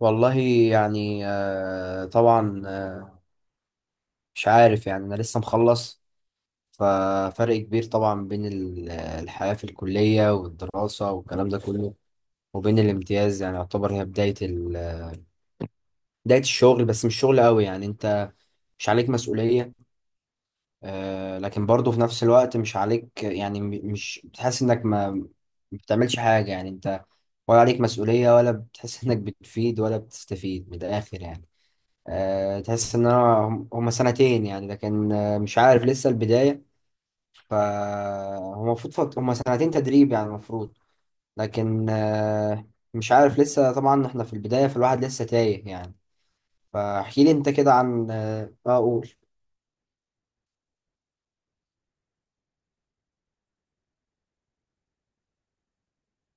والله، يعني طبعا، مش عارف. يعني انا لسه مخلص. ففرق كبير طبعا بين الحياة في الكلية والدراسة والكلام ده كله، وبين الامتياز. يعني يعتبر هي بداية الشغل، بس مش شغل قوي. يعني انت مش عليك مسؤولية، لكن برضه في نفس الوقت مش عليك. يعني مش بتحس انك ما بتعملش حاجة. يعني انت ولا عليك مسؤولية ولا بتحس انك بتفيد ولا بتستفيد من الاخر يعني. تحس ان انا هم سنتين. يعني لكن مش عارف لسه البداية. فهو المفروض هم سنتين تدريب، يعني المفروض. لكن مش عارف. لسه طبعا احنا في البداية، فالواحد لسه تايه يعني. فاحكي لي انت كده عن قول.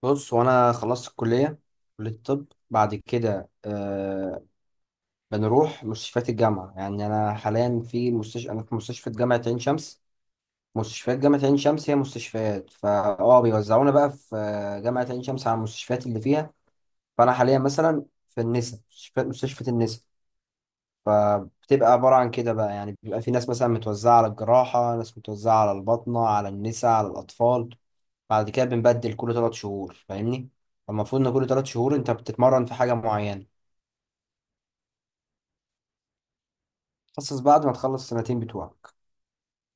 بص، وانا خلصت الكلية، كلية الطب. بعد كده أه بنروح مستشفيات الجامعة. يعني أنا في مستشفى جامعة عين شمس. مستشفيات جامعة عين شمس هي مستشفيات، فا اه بيوزعونا بقى في جامعة عين شمس على المستشفيات اللي فيها. فأنا حاليا مثلا في النسا، مستشفى النسا. فبتبقى عبارة عن كده بقى. يعني بيبقى في ناس مثلا متوزعة على الجراحة، ناس متوزعة على الباطنة، على النسا، على الأطفال. بعد كده بنبدل كل تلات شهور، فاهمني. فالمفروض إن كل تلات شهور أنت بتتمرن في حاجة معينة. تخصص بعد ما تخلص السنتين بتوعك،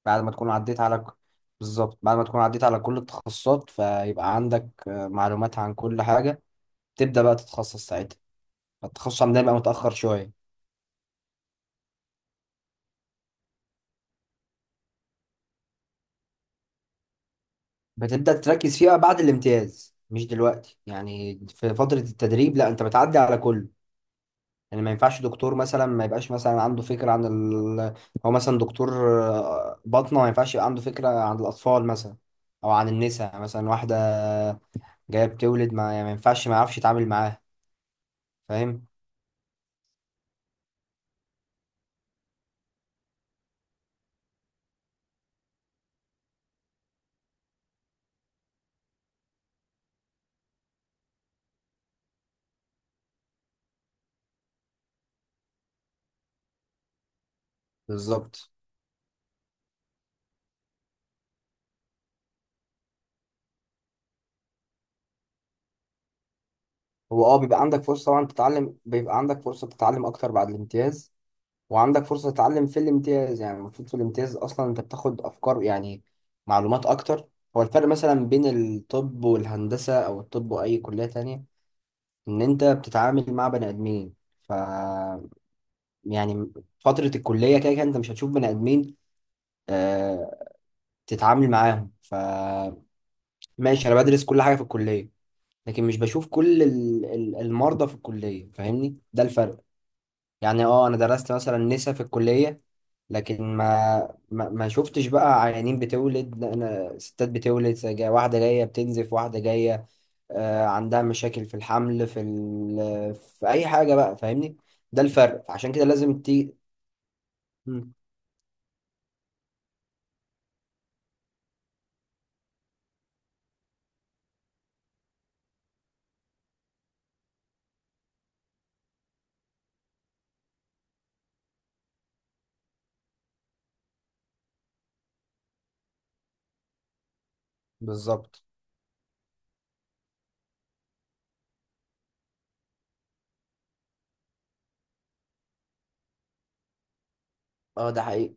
بعد ما تكون عديت على بالظبط، بعد ما تكون عديت على كل التخصصات، فيبقى عندك معلومات عن كل حاجة. تبدأ بقى تتخصص ساعتها. التخصص عندنا بقى متأخر شوية. بتبدأ تركز فيها بعد الامتياز، مش دلوقتي. يعني في فترة التدريب لا، انت بتعدي على كله. يعني ما ينفعش دكتور مثلا ما يبقاش مثلا عنده فكرة عن هو مثلا دكتور باطنة، ما ينفعش يبقى عنده فكرة عن الأطفال مثلا، أو عن النساء مثلا. واحدة جاية بتولد، ما، يعني ما ينفعش ما يعرفش يتعامل معاها. فاهم. بالظبط. هو اه بيبقى عندك فرصة طبعا تتعلم، بيبقى عندك فرصة تتعلم أكتر بعد الامتياز، وعندك فرصة تتعلم في الامتياز. يعني المفروض في الامتياز أصلا أنت بتاخد أفكار، يعني معلومات أكتر. هو الفرق مثلا بين الطب والهندسة، أو الطب وأي كلية تانية، إن أنت بتتعامل مع بني آدمين. ف يعني فترة الكلية كده كده أنت مش هتشوف بني آدمين آه... تتعامل معاهم. ف ماشي، أنا بدرس كل حاجة في الكلية، لكن مش بشوف كل المرضى في الكلية، فاهمني. ده الفرق. يعني اه انا درست مثلا نسا في الكلية، لكن ما شفتش بقى عيانين بتولد. انا ستات بتولد، واحدة جاية بتنزف، واحدة جاية عندها مشاكل في الحمل، في في اي حاجة بقى، فاهمني. ده الفرق، عشان كده لازم تي. مم، بالظبط. اه ده حقيقي.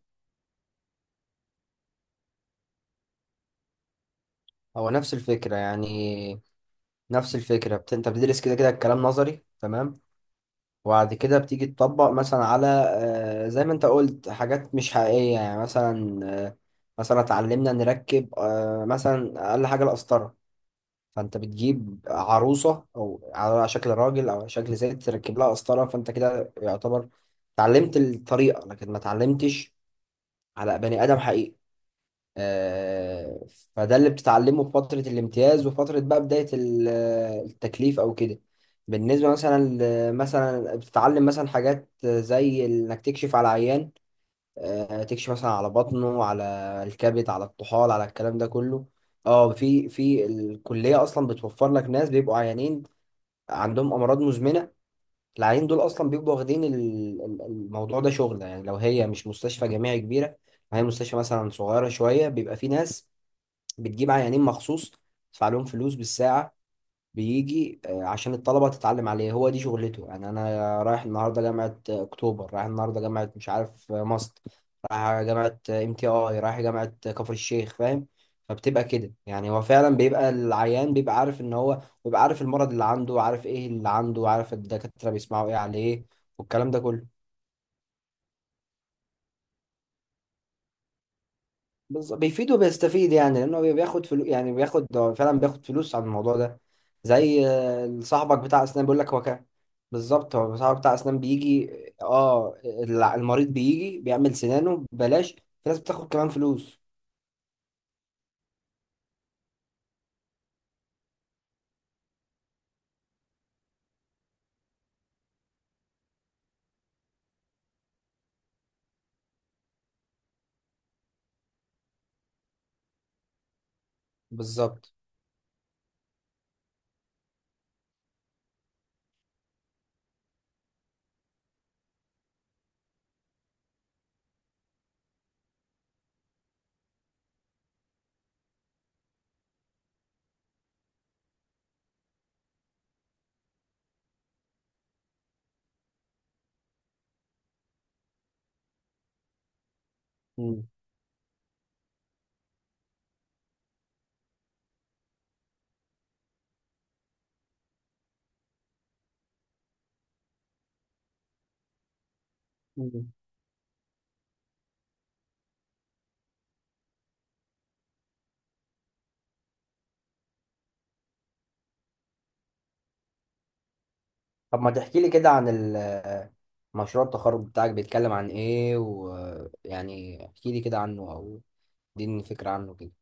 هو نفس الفكرة يعني، نفس الفكرة انت بتدرس كده كده الكلام نظري، تمام. وبعد كده بتيجي تطبق مثلا على زي ما انت قلت، حاجات مش حقيقية. يعني مثلا آه، مثلا اتعلمنا نركب مثلا أقل حاجة القسطرة. فانت بتجيب عروسة او على شكل راجل او على شكل ست تركب لها قسطرة، فانت كده يعتبر اتعلمت الطريقة، لكن ما اتعلمتش على بني آدم حقيقي. آه، فده اللي بتتعلمه في فترة الامتياز، وفترة بقى بداية التكليف أو كده. بالنسبة مثلا مثلا بتتعلم مثلا حاجات زي إنك تكشف على عيان. تكشف مثلا على بطنه، على الكبد، على الطحال، على الكلام ده كله. اه في الكلية أصلا بتوفر لك ناس بيبقوا عيانين، عندهم أمراض مزمنة. العيانين دول أصلا بيبقوا واخدين الموضوع ده شغل. يعني لو هي مش مستشفى جامعي كبيرة، هي مستشفى مثلا صغيرة شوية، بيبقى في ناس بتجيب عيانين مخصوص، تدفع لهم فلوس بالساعة. بيجي عشان الطلبة تتعلم عليه، هو دي شغلته. يعني أنا رايح النهاردة جامعة أكتوبر، رايح النهاردة جامعة مش عارف ماست، رايح جامعة ام تي اي، رايح جامعة كفر الشيخ، فاهم. فبتبقى كده يعني. هو فعلا بيبقى العيان بيبقى عارف ان هو بيبقى عارف المرض اللي عنده، عارف ايه اللي عنده، عارف الدكاترة بيسمعوا ايه عليه، والكلام ده كله. بيفيد وبيستفيد. يعني لانه بياخد فلوس. يعني بياخد، هو فعلا بياخد فلوس على الموضوع ده. زي صاحبك بتاع اسنان بيقول لك هو كان، بالظبط، هو صاحبك بتاع اسنان بيجي. اه المريض بيجي بيعمل سنانه ببلاش. في ناس بتاخد كمان فلوس. بالظبط. مم. مم. طب ما تحكي لي كده عن مشروع التخرج بتاعك، بيتكلم عن ايه، ويعني احكي لي كده عنه، او اديني فكرة عنه كده.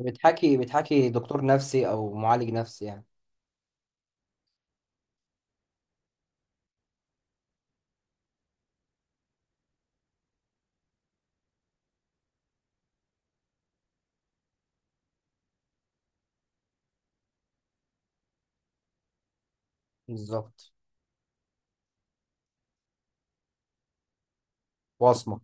بتحكي دكتور نفسي او معالج نفسي يعني. بالظبط. وصمة.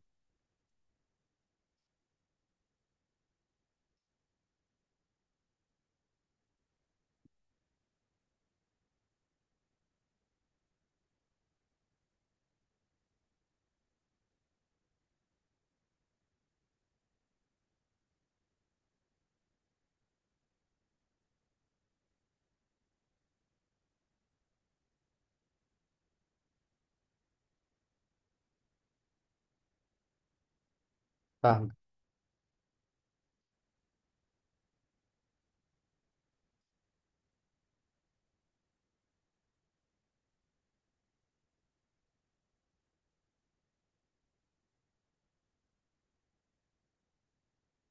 فاهمة.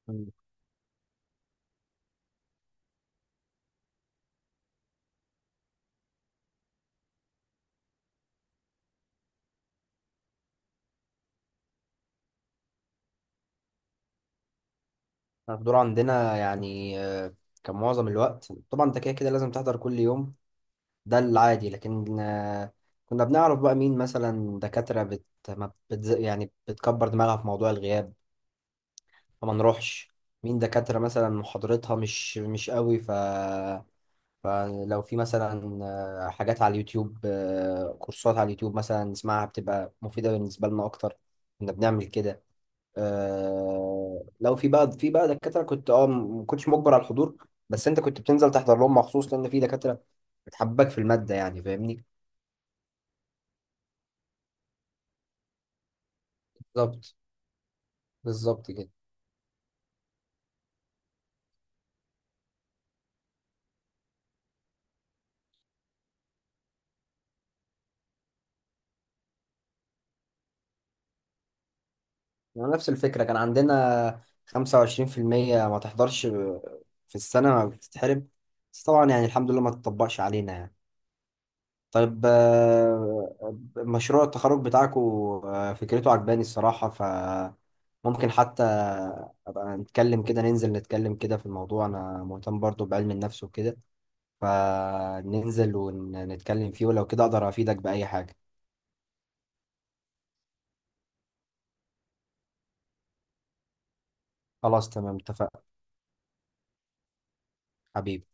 احنا الدور عندنا يعني كان معظم الوقت. طبعا انت كده كده لازم تحضر كل يوم، ده العادي. لكن كنا بنعرف بقى مين مثلا دكاترة بت... ما بت... يعني بتكبر دماغها في موضوع الغياب، فما نروحش. مين دكاترة مثلا محاضرتها مش قوي، فلو في مثلا حاجات على اليوتيوب، كورسات على اليوتيوب مثلا نسمعها، بتبقى مفيدة بالنسبة لنا أكتر. كنا بنعمل كده. آه لو في بقى في بقى دكاترة كنت اه ما كنتش مجبر على الحضور، بس انت كنت بتنزل تحضر لهم مخصوص، لان في دكاترة بتحبك في المادة، يعني فاهمني. بالظبط. بالظبط كده. ونفس الفكرة كان عندنا 25% ما تحضرش في السنة ما بتتحرم. بس طبعا يعني الحمد لله ما تطبقش علينا يعني. طيب مشروع التخرج بتاعكو، فكرته عجباني الصراحة. فممكن حتى أبقى نتكلم كده، ننزل نتكلم كده في الموضوع. أنا مهتم برضو بعلم النفس وكده، فننزل ونتكلم فيه، ولو كده أقدر أفيدك بأي حاجة. خلاص تمام، اتفقنا. حبيبي.